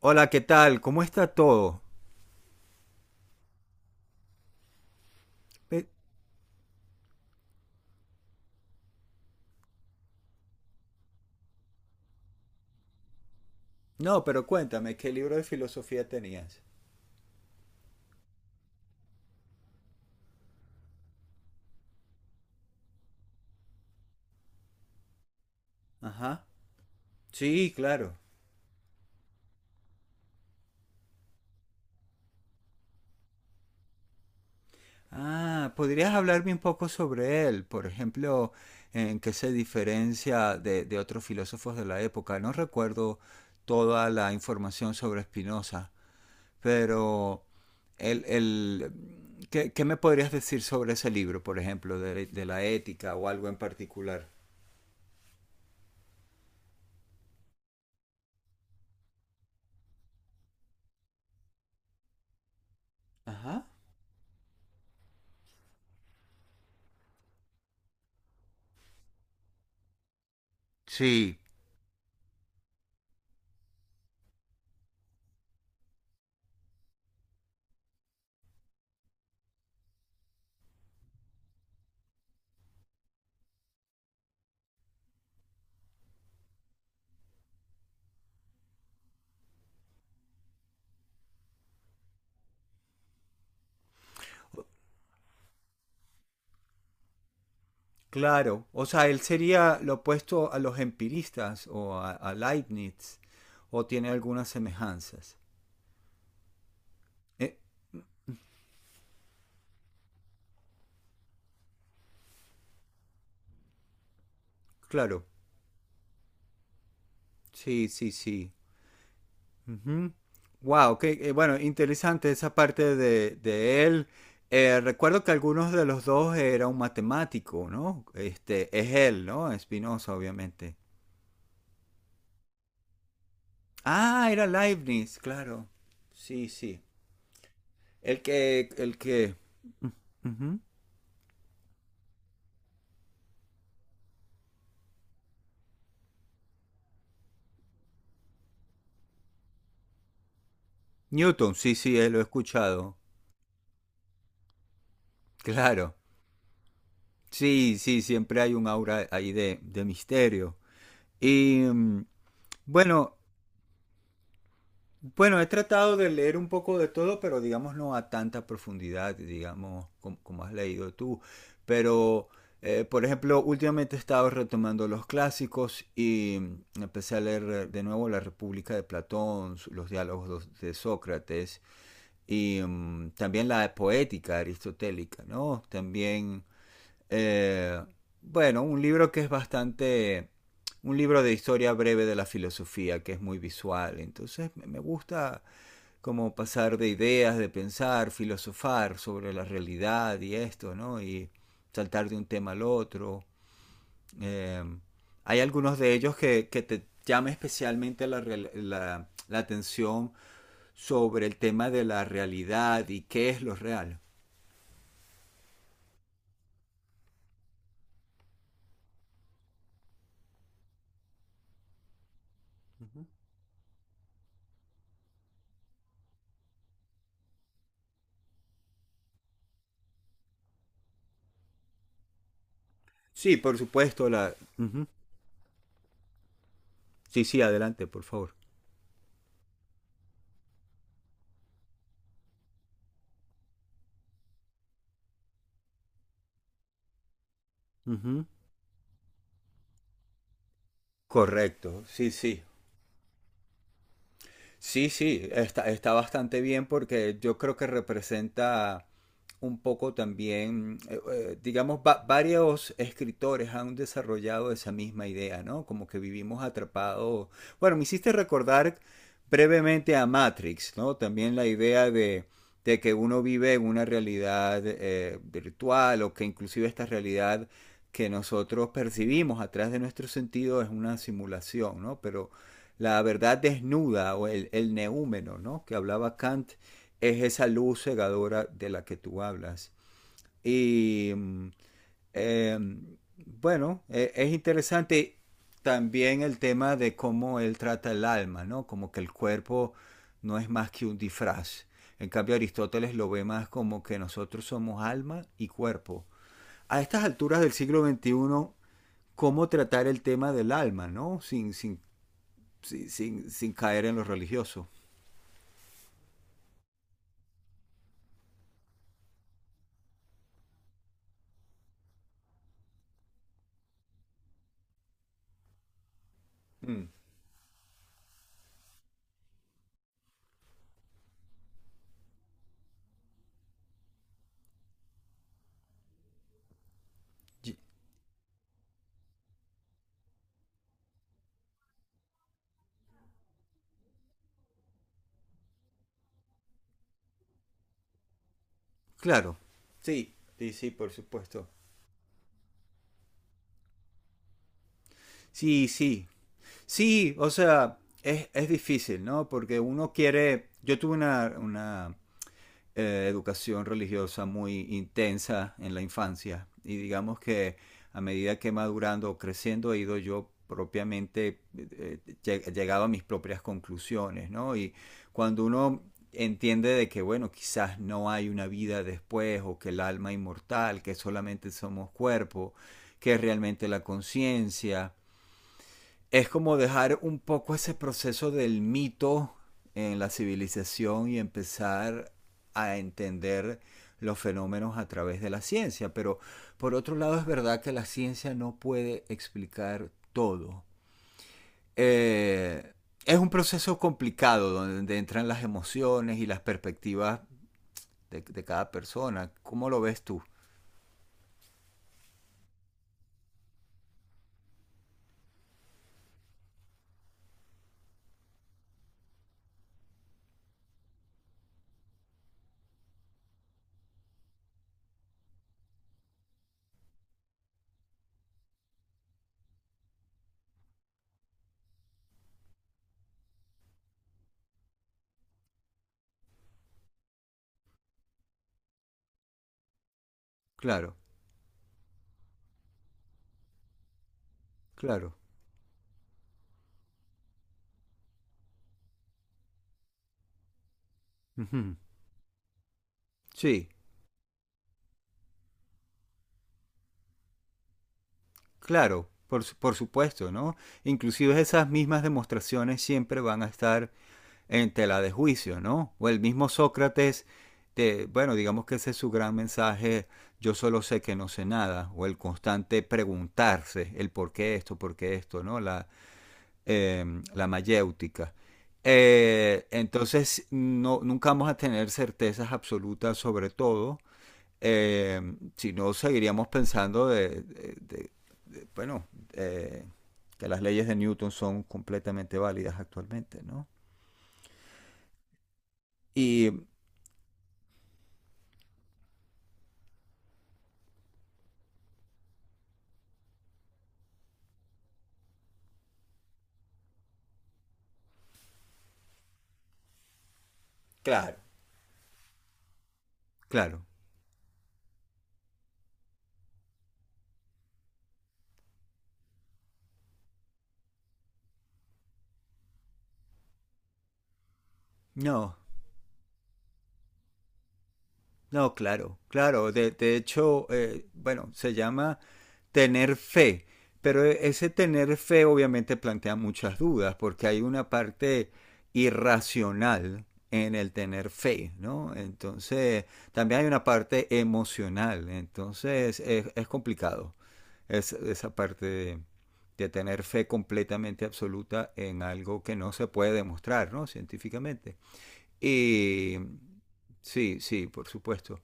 Hola, ¿qué tal? ¿Cómo está todo? Pe- No, pero cuéntame, ¿qué libro de filosofía tenías? Ajá. Sí, claro. Ah, ¿podrías hablarme un poco sobre él? Por ejemplo, ¿en qué se diferencia de otros filósofos de la época? No recuerdo toda la información sobre Spinoza, pero el, el- ¿qué me podrías decir sobre ese libro, por ejemplo, de la ética o algo en particular? Ajá. Sí. Claro, o sea, él sería lo opuesto a los empiristas o a Leibniz, o tiene algunas semejanzas. Eh, claro, sí, sí, sí. Ujú. Wow, qué, bueno, interesante esa parte de él. Recuerdo que algunos de los dos era un matemático, ¿no? Este, es él, ¿no? Spinoza, obviamente. Ah, era Leibniz, claro. Sí, sí. El que, el que. Ujú. Newton, sí, sí, lo he escuchado. Claro. Sí, sí, siempre hay un aura ahí de misterio. Y bueno, bueno, he tratado de leer un poco de todo, pero digamos no a tanta profundidad, digamos, como, has leído tú. Pero, por ejemplo, últimamente he estado retomando los clásicos y empecé a leer de nuevo La República de Platón, los diálogos de Sócrates y también la poética aristotélica, ¿no? También, Eh, bueno, un libro que es bastante... Un libro de historia breve de la filosofía, que es muy visual. Entonces me gusta como pasar de ideas, de pensar, filosofar sobre la realidad y esto, ¿no? Y saltar de un tema al otro. Eh, Hay algunos de ellos que te llama especialmente la atención sobre el tema de la realidad y qué es lo real. Sí, por supuesto, la... Sí, sí, adelante, por favor. Ujú. Correcto, sí, sí. Sí, sí, está, está bastante bien porque yo creo que representa un poco también, digamos, varios escritores han desarrollado esa misma idea, ¿no? Como que vivimos atrapados. Bueno, me hiciste recordar brevemente a Matrix, ¿no? También la idea de que uno vive en una realidad virtual o que inclusive esta realidad que nosotros percibimos atrás de nuestro sentido es una simulación, ¿no? Pero la verdad desnuda o el neúmeno, ¿no? Que hablaba Kant, es esa luz cegadora de la que tú hablas. Y eh, bueno, es interesante también el tema de cómo él trata el alma, ¿no? Como que el cuerpo no es más que un disfraz. En cambio, Aristóteles lo ve más como que nosotros somos alma y cuerpo. A estas alturas del siglo XXI, ¿cómo tratar el tema del alma, ¿no? Sin caer en lo religioso. Mm. Y- Claro. Sí, sí, sí, por supuesto. Sí, sí. Sí, o sea, es difícil, ¿no? Porque uno quiere... Yo tuve una educación religiosa muy intensa en la infancia y digamos que a medida que madurando o creciendo he ido yo propiamente llegado a mis propias conclusiones, ¿no? Y cuando uno entiende de que, bueno, quizás no hay una vida después o que el alma inmortal, que solamente somos cuerpo, que es realmente la conciencia, es como dejar un poco ese proceso del mito en la civilización y empezar a entender los fenómenos a través de la ciencia. Pero por otro lado es verdad que la ciencia no puede explicar todo. Eh, es un proceso complicado donde entran las emociones y las perspectivas de cada persona. ¿Cómo lo ves tú? Claro, claro. Uh -huh. Sí, claro, por supuesto, ¿no? Inclusive esas mismas demostraciones siempre van a estar en tela de juicio, ¿no? O el mismo Sócrates, bueno, digamos que ese es su gran mensaje, yo solo sé que no sé nada, o el constante preguntarse el por qué esto, ¿no? La mayéutica. Entonces, no, nunca vamos a tener certezas absolutas sobre todo, eh, si no seguiríamos pensando bueno, eh, que las leyes de Newton son completamente válidas actualmente, ¿no? Y claro, claro, no. No, claro, claro. De hecho, bueno, se llama tener fe, pero ese tener fe obviamente plantea muchas dudas porque hay una parte irracional en el tener fe, ¿no? Entonces, también hay una parte emocional, entonces es complicado, esa parte de tener fe completamente absoluta en algo que no se puede demostrar, ¿no? Científicamente. Y sí, sí, por supuesto.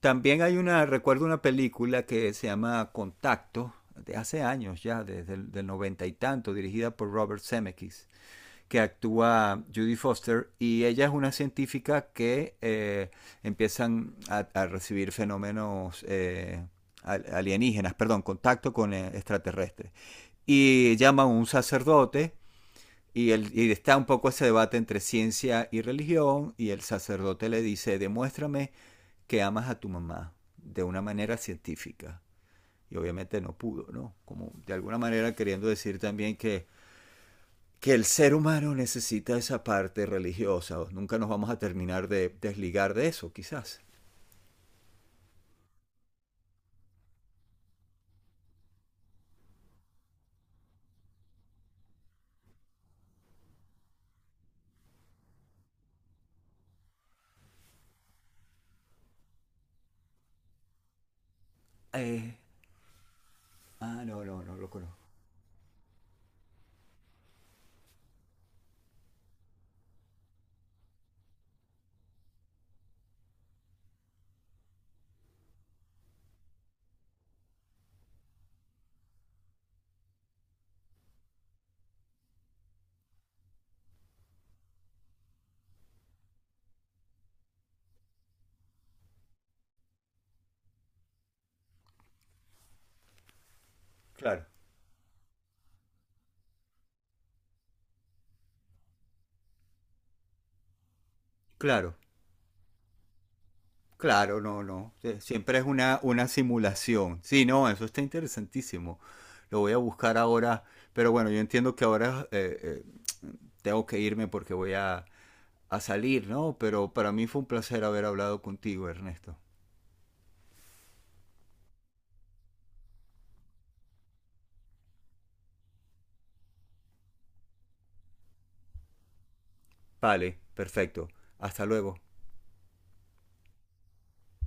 También hay una, recuerdo una película que se llama Contacto, de hace años ya, desde el del noventa y tanto, dirigida por Robert Zemeckis, que actúa Judy Foster y ella es una científica que empiezan recibir fenómenos alienígenas, perdón, contacto con extraterrestres. Y llama a un sacerdote y, el, y está un poco ese debate entre ciencia y religión y el sacerdote le dice, demuéstrame que amas a tu mamá de una manera científica. Y obviamente no pudo, ¿no? Como de alguna manera queriendo decir también que el ser humano necesita esa parte religiosa. Nunca nos vamos a terminar de desligar de eso, quizás. Eh, no, no, no lo conozco. Claro, claro. Claro, no, no. Siempre es una simulación. Sí, no, eso está interesantísimo. Lo voy a buscar ahora. Pero bueno, yo entiendo que ahora eh, tengo que irme porque voy a salir, ¿no? Pero para mí fue un placer haber hablado contigo, Ernesto. Vale, perfecto. Hasta luego.